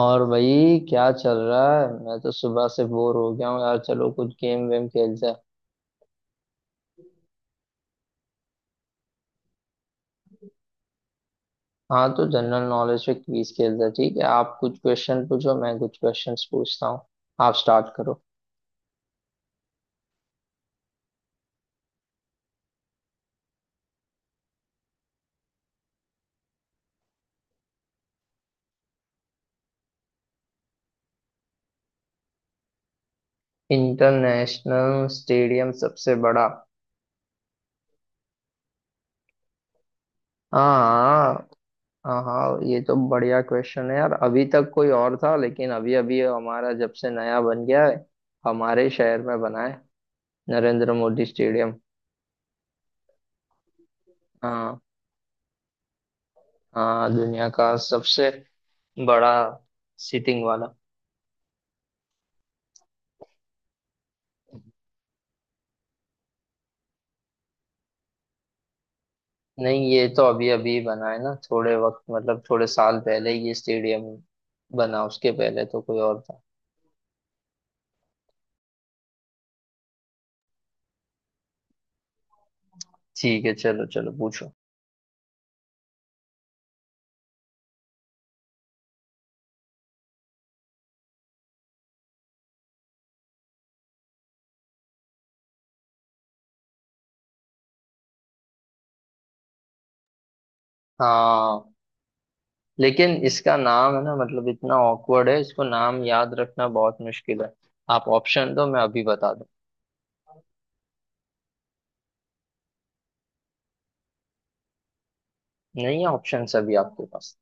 और भाई क्या चल रहा है? मैं तो सुबह से बोर हो गया हूँ यार। चलो कुछ गेम वेम खेलते हैं। हाँ तो जनरल नॉलेज पे क्विज खेलते हैं। ठीक है, आप कुछ क्वेश्चन पूछो मैं कुछ क्वेश्चंस पूछता हूँ। आप स्टार्ट करो। इंटरनेशनल स्टेडियम सबसे बड़ा। हाँ हाँ हाँ, ये तो बढ़िया क्वेश्चन है यार। अभी तक कोई और था लेकिन अभी अभी हमारा जब से नया बन गया है। हमारे शहर में बना है। नरेंद्र मोदी स्टेडियम। हाँ। हाँ, दुनिया का सबसे बड़ा सीटिंग वाला। नहीं ये तो अभी अभी बना है ना। थोड़े वक्त, मतलब थोड़े साल पहले ही ये स्टेडियम बना। उसके पहले तो कोई और था। ठीक है, चलो चलो पूछो। हाँ लेकिन इसका नाम है ना, मतलब इतना ऑकवर्ड है, इसको नाम याद रखना बहुत मुश्किल है। आप ऑप्शन दो मैं अभी बता दूं। नहीं है ऑप्शन अभी आपके पास?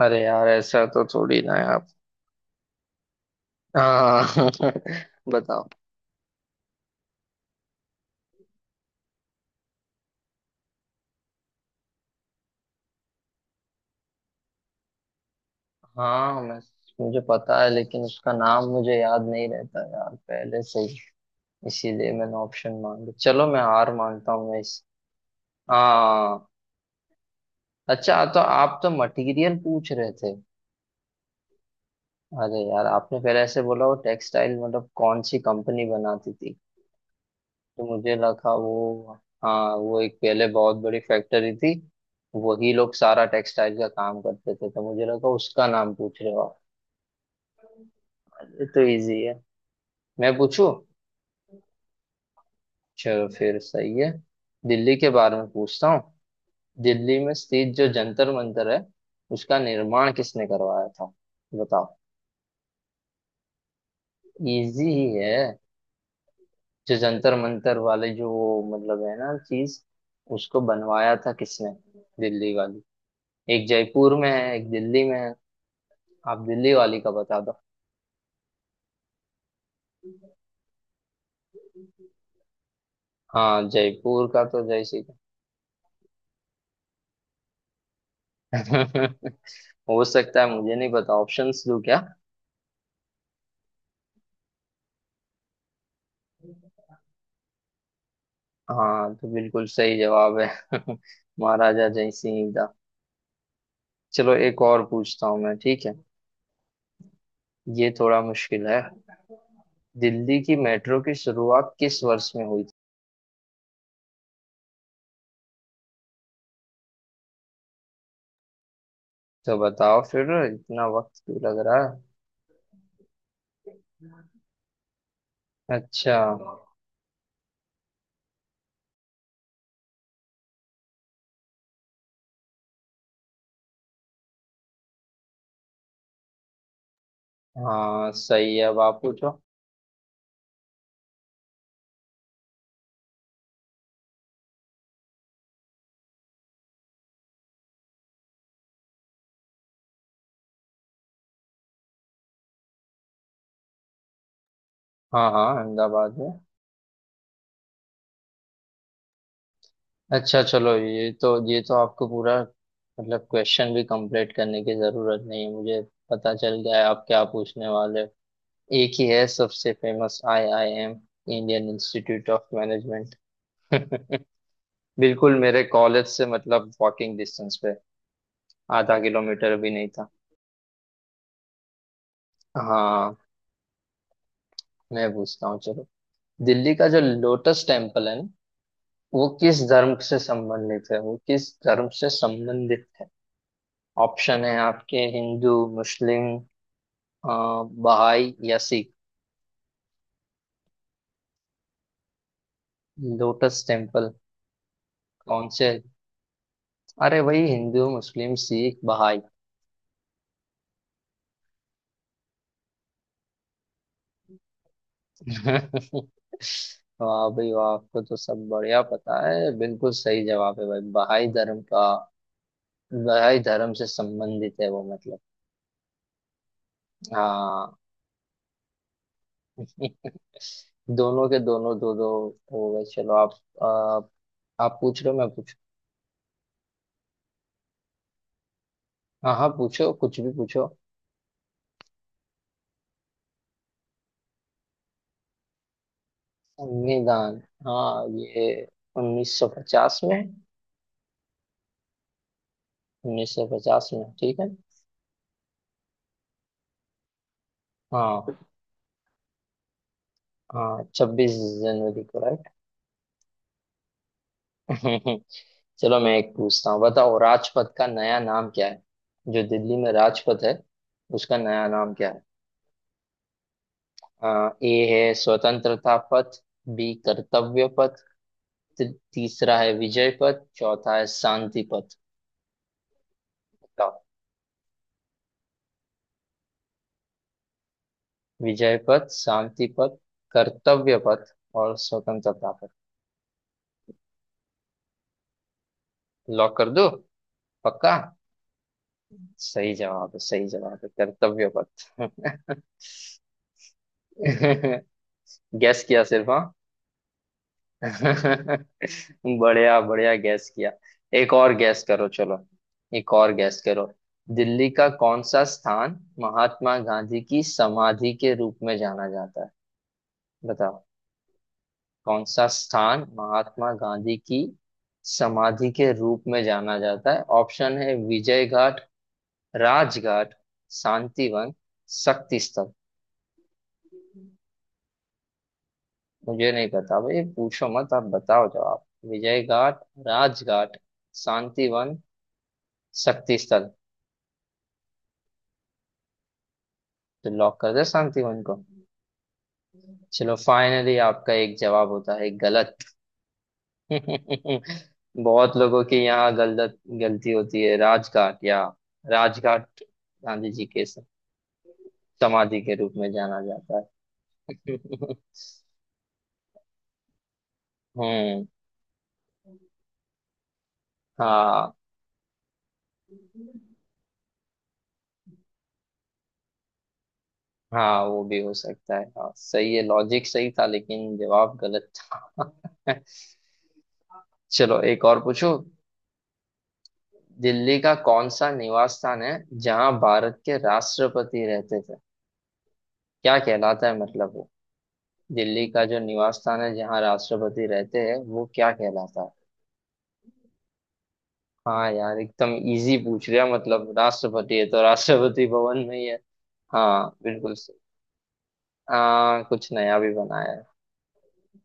अरे यार ऐसा तो थोड़ी ना है आप। हाँ बताओ। हाँ मैं मुझे पता है लेकिन उसका नाम मुझे याद नहीं रहता यार पहले से। इसीलिए मैंने ऑप्शन मांगे। चलो मैं हार मानता हूँ मैं इस। हाँ। अच्छा, तो आप तो मटेरियल पूछ रहे थे? अरे यार आपने पहले ऐसे बोला, वो टेक्सटाइल मतलब कौन सी कंपनी बनाती थी, तो मुझे लगा वो। हाँ वो एक पहले बहुत बड़ी फैक्ट्री थी। वही लोग सारा टेक्सटाइल का काम करते थे तो मुझे लगा उसका नाम पूछ रहे हो आप। अरे तो इजी है। मैं पूछू? चलो फिर सही है। दिल्ली के बारे में पूछता हूँ। दिल्ली में स्थित जो जंतर मंतर है उसका निर्माण किसने करवाया था? बताओ। इजी ही है। जो जंतर मंतर वाले जो वो मतलब है ना चीज, उसको बनवाया था किसने? दिल्ली वाली। एक जयपुर में है एक दिल्ली में है। आप दिल्ली वाली का बता दो। हाँ जयपुर का तो जय श्री राम। हो सकता है मुझे नहीं पता। ऑप्शंस दूं क्या? हाँ तो बिल्कुल सही जवाब है। महाराजा जय सिंह का। चलो एक और पूछता हूँ मैं, ठीक है? ये थोड़ा मुश्किल है। दिल्ली की मेट्रो की शुरुआत किस वर्ष में हुई थी? तो बताओ फिर, इतना वक्त क्यों लग रहा है? अच्छा। हाँ सही है, अब आप पूछो। हाँ हाँ अहमदाबाद में। अच्छा चलो, ये तो आपको पूरा, मतलब क्वेश्चन भी कंप्लीट करने की जरूरत नहीं है। मुझे पता चल गया है आप क्या पूछने वाले हो। एक ही है सबसे famous I I M. Indian Institute of management. बिल्कुल, मेरे कॉलेज से मतलब वॉकिंग डिस्टेंस पे। आधा किलोमीटर भी नहीं था। हाँ, मैं पूछता हूँ चलो। दिल्ली का जो लोटस टेम्पल है ना, वो किस धर्म से संबंधित है? वो किस धर्म से संबंधित है? ऑप्शन है आपके हिंदू, मुस्लिम, बहाई या सिख। Lotus temple. कौन से? अरे वही हिंदू, मुस्लिम, सिख, बहाई। वाह भाई वाह, आपको तो सब बढ़िया पता है। बिल्कुल सही जवाब है भाई, बहाई धर्म का। बहाई धर्म से संबंधित है वो, मतलब। हाँ। दोनों के दोनों दो दो हो गए। चलो आप आप पूछ लो, मैं पूछ। हाँ हाँ पूछो, कुछ भी पूछो। निदान। हाँ ये 1950 में। 1950 में, ठीक है। हाँ हाँ छब्बीस जनवरी को, राइट। चलो मैं एक पूछता हूँ। बताओ राजपथ का नया नाम क्या है? जो दिल्ली में राजपथ है उसका नया नाम क्या है? हाँ, ए है स्वतंत्रता पथ, बी कर्तव्य पथ, तीसरा है विजय पथ, चौथा है शांति पथ। बताओ। विजय पथ, शांति पथ, कर्तव्य पथ, और स्वतंत्रता पथ। लॉक कर दो? पक्का? सही जवाब है, सही जवाब है, कर्तव्य पथ। गैस किया सिर्फ, हाँ। बढ़िया बढ़िया गैस किया। एक और गैस करो चलो। एक और गैस करो। दिल्ली का कौन सा स्थान महात्मा गांधी की समाधि के रूप में जाना जाता है? बताओ। कौन सा स्थान महात्मा गांधी की समाधि के रूप में जाना जाता है? ऑप्शन है विजय घाट, राजघाट, शांतिवन, शक्ति स्थल। मुझे नहीं पता भाई, पूछो मत। आप बताओ जवाब। विजय घाट, राजघाट, शांतिवन, शक्ति स्थल। तो लॉक कर दे शांतिवन को? चलो फाइनली आपका एक जवाब होता है गलत। बहुत लोगों के यहाँ गलत गलती होती है। राजघाट, या राजघाट गांधी जी के समाधि के रूप में जाना जाता है। हम्म। हाँ हाँ वो भी हो सकता है, हाँ सही है, लॉजिक सही था लेकिन जवाब गलत था। चलो एक और पूछो। दिल्ली का कौन सा निवास स्थान है जहाँ भारत के राष्ट्रपति रहते थे? क्या कहलाता है, मतलब दिल्ली का जो निवास स्थान है जहाँ राष्ट्रपति रहते हैं वो क्या कहलाता है? हाँ यार एकदम इजी पूछ लिया, मतलब राष्ट्रपति है तो राष्ट्रपति भवन में ही है। हाँ बिल्कुल सही। कुछ नया भी बनाया है।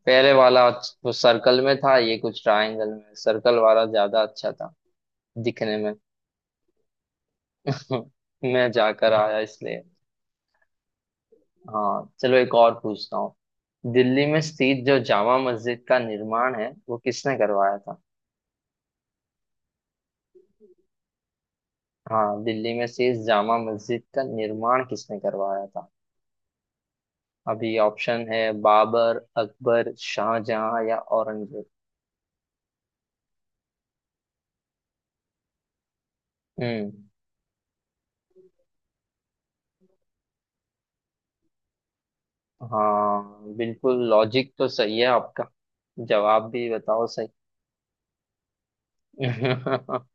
पहले वाला वो सर्कल में था, ये कुछ ट्रायंगल में। सर्कल वाला ज्यादा अच्छा था दिखने में। मैं जाकर आया इसलिए। हाँ चलो एक और पूछता हूँ। दिल्ली में स्थित जो जामा मस्जिद का निर्माण है वो किसने करवाया था? हाँ दिल्ली में शेष जामा मस्जिद का निर्माण किसने करवाया था? अभी ऑप्शन है बाबर, अकबर, शाहजहां या औरंगजेब। हम्म। हाँ बिल्कुल लॉजिक तो सही है आपका। जवाब भी बताओ सही।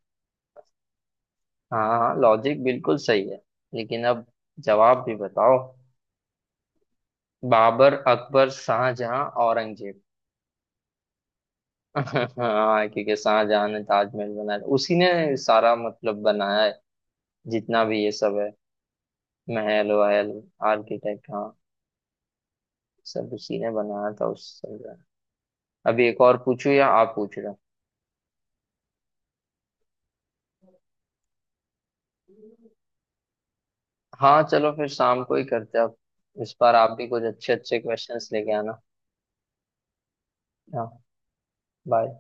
हाँ लॉजिक बिल्कुल सही है लेकिन अब जवाब भी बताओ। बाबर, अकबर, शाहजहां, औरंगजेब। हाँ क्योंकि शाहजहां ने ताजमहल बनाया, उसी ने सारा मतलब बनाया है जितना भी ये सब है। महल वहल। आर्किटेक्ट, हाँ, सब उसी ने बनाया था उस समय। अभी एक और पूछूं या आप पूछ रहे हो? हाँ चलो फिर शाम को ही करते हैं अब। इस बार आप भी कुछ अच्छे अच्छे क्वेश्चंस लेके आना। हाँ बाय।